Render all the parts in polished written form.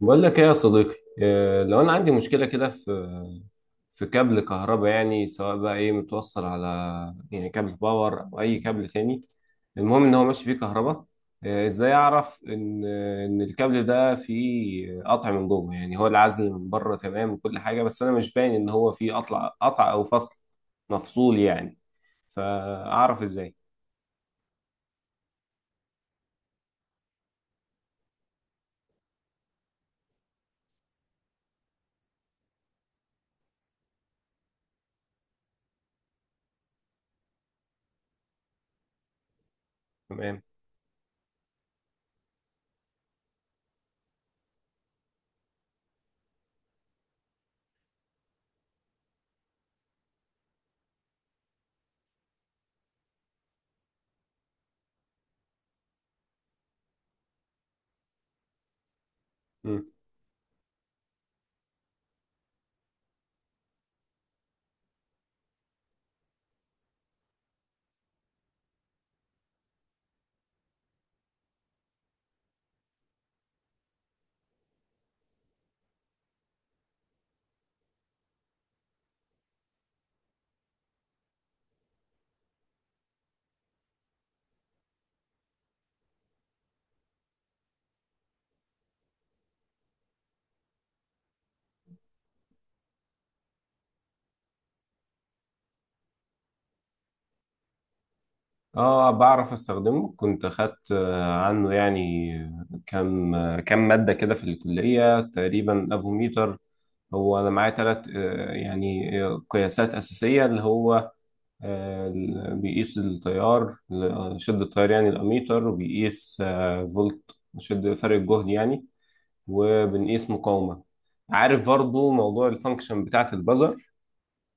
بقول لك ايه يا صديقي لو انا عندي مشكله كده في كابل كهرباء، يعني سواء بقى ايه متوصل على يعني كابل باور او اي كابل تاني. المهم ان هو ماشي فيه كهرباء. ازاي اعرف ان الكابل ده فيه قطع من جوه؟ يعني هو العزل من بره تمام وكل حاجه، بس انا مش باين ان هو فيه قطع او فصل مفصول يعني. فاعرف ازاي؟ تمام، اه بعرف استخدمه، كنت اخدت عنه يعني كم كم مادة كده في الكلية تقريبا افوميتر. هو انا معايا ثلاث يعني قياسات اساسية، اللي هو بيقيس التيار، شدة التيار يعني الاميتر، وبيقيس فولت، شد فرق الجهد يعني، وبنقيس مقاومة. عارف برضو موضوع الفانكشن بتاعة البزر،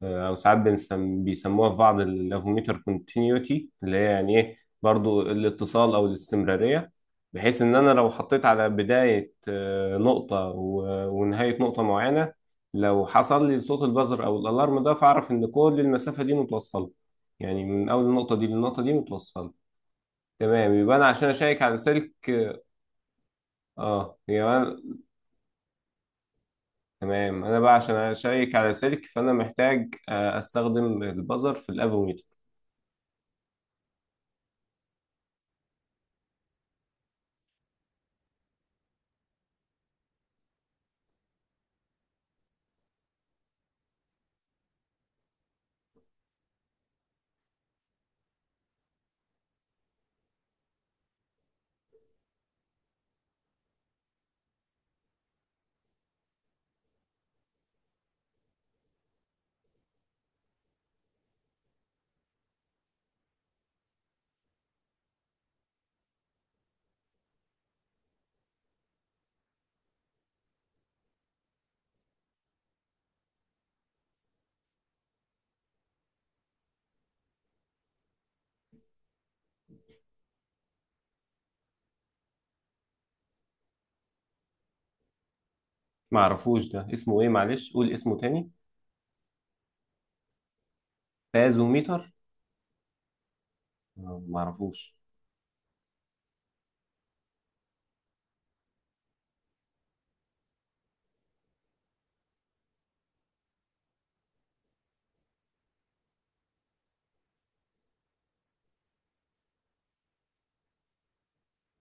او ساعات بنسم بيسموها في بعض الافوميتر كونتينيوتي، اللي هي يعني ايه برضو الاتصال او الاستمراريه. بحيث ان انا لو حطيت على بدايه نقطه ونهايه نقطه معينه، لو حصل لي صوت البزر او الالارم ده، فاعرف ان كل المسافه دي متوصله، يعني من اول النقطه دي للنقطه دي متوصله. تمام، يبقى انا عشان اشيك على سلك، اه يبقى تمام، انا بقى عشان اشيك على سلك فانا محتاج استخدم البزر في الافوميتر. ما اعرفوش ده اسمه ايه، معلش قول اسمه تاني. بازوميتر. ما اعرفوش.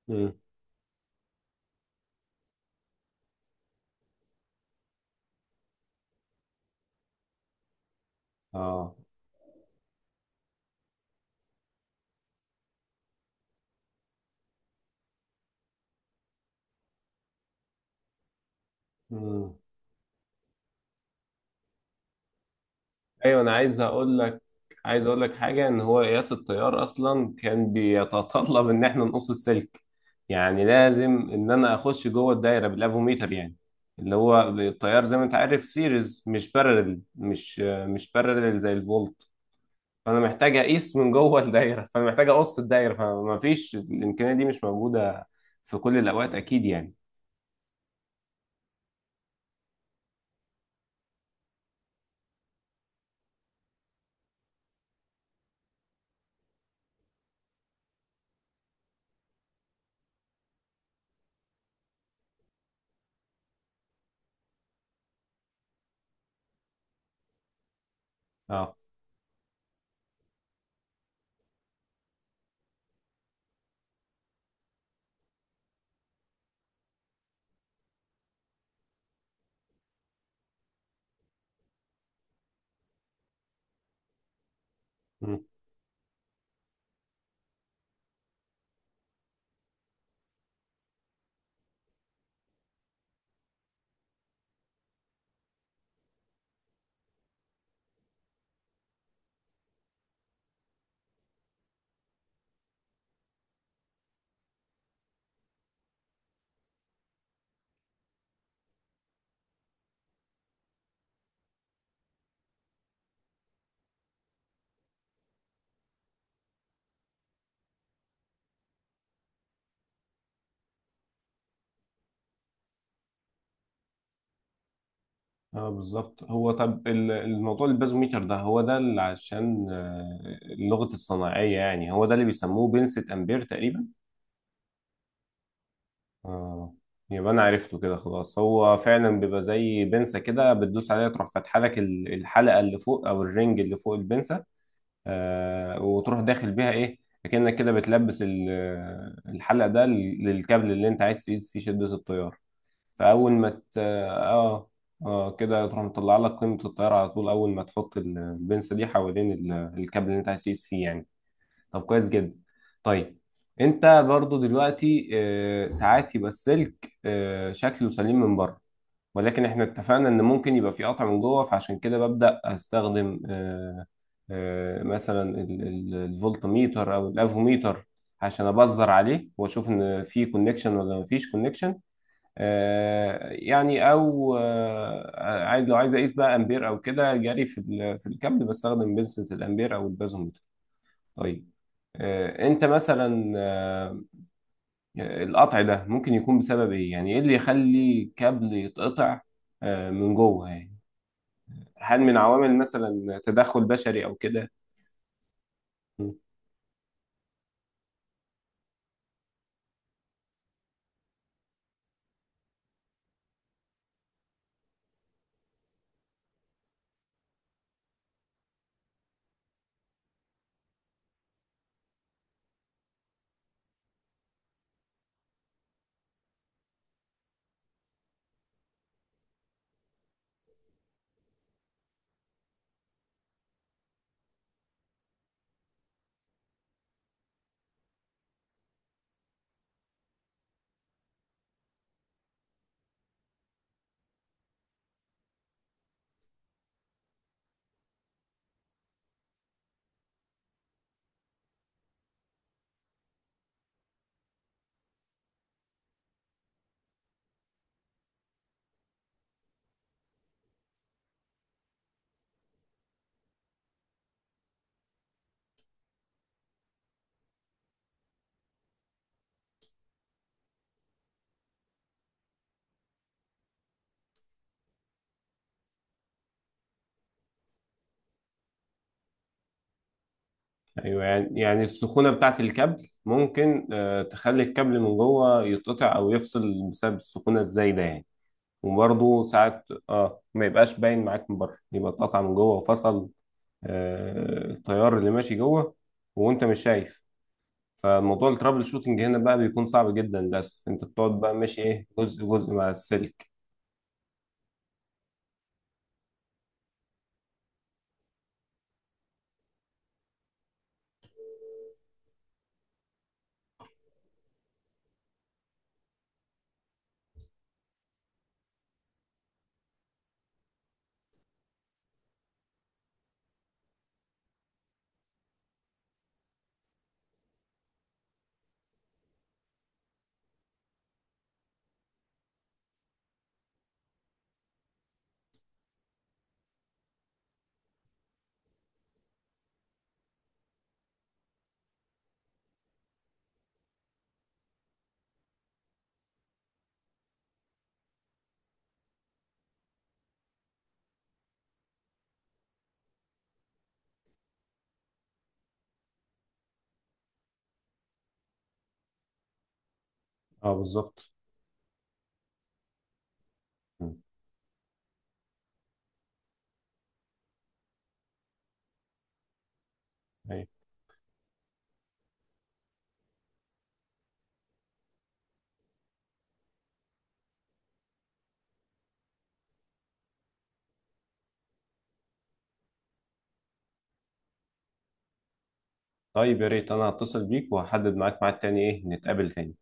مم. اه. مم. ايوه انا عايز اقول لك، عايز اقول لك حاجه، ان هو قياس التيار اصلا كان بيتطلب ان احنا نقص السلك، يعني لازم ان انا اخش جوه الدايره بالافوميتر يعني، اللي هو التيار زي ما انت عارف سيريز، مش بارلل مش بارلل زي الفولت. فانا محتاج اقيس من جوه الدايره، فانا محتاج اقص الدايره، فما فيش، الامكانيه دي مش موجوده في كل الاوقات اكيد يعني. اه. مم. اه بالظبط. هو طب الموضوع البازوميتر ده، هو ده اللي عشان اللغه الصناعيه، يعني هو ده اللي بيسموه بنسة امبير تقريبا. اه، يبقى انا عرفته كده خلاص، هو فعلا بيبقى زي بنسة كده بتدوس عليها تروح فاتحه لك الحلقه اللي فوق او الرنج اللي فوق البنسة، وتروح داخل بيها ايه، كأنك كده بتلبس الحلق ده للكابل اللي انت عايز تقيس فيه شدة التيار. فاول ما اه، اه كده تروح مطلع لك قيمة التيار على طول، اول ما تحط البنسة دي حوالين الكابل اللي انت عايز تقيس فيه يعني. طب كويس جدا. طيب، انت برضو دلوقتي ساعات يبقى السلك شكله سليم من بره، ولكن احنا اتفقنا ان ممكن يبقى في قطع من جوه، فعشان كده ببدأ استخدم مثلا الفولتميتر او الافوميتر، عشان ابزر عليه واشوف ان في كونكشن ولا ما فيش كونكشن يعني، او عايز، لو عايز اقيس بقى امبير او كده جري في في الكابل، بستخدم بنسة الامبير او البازوميتر. طيب، انت مثلا القطع ده ممكن يكون بسبب ايه؟ يعني ايه اللي يخلي كابل يتقطع من جوه يعني؟ هل من عوامل مثلا تدخل بشري او كده؟ مم. ايوه، يعني السخونه بتاعه الكابل ممكن تخلي الكابل من جوه يتقطع او يفصل بسبب السخونه الزايده يعني. وبرضه ساعات اه ما يبقاش باين معاك من بره، يبقى اتقطع من جوه وفصل، التيار اللي ماشي جوه وانت مش شايف. فموضوع الترابل شوتنج هنا بقى بيكون صعب جدا للاسف، انت بتقعد بقى ماشي ايه جزء جزء مع السلك. اه بالظبط. مم. أيوة. طيب يا ريت انا هتصل بيك وهحدد معاك ميعاد تاني ايه نتقابل تاني.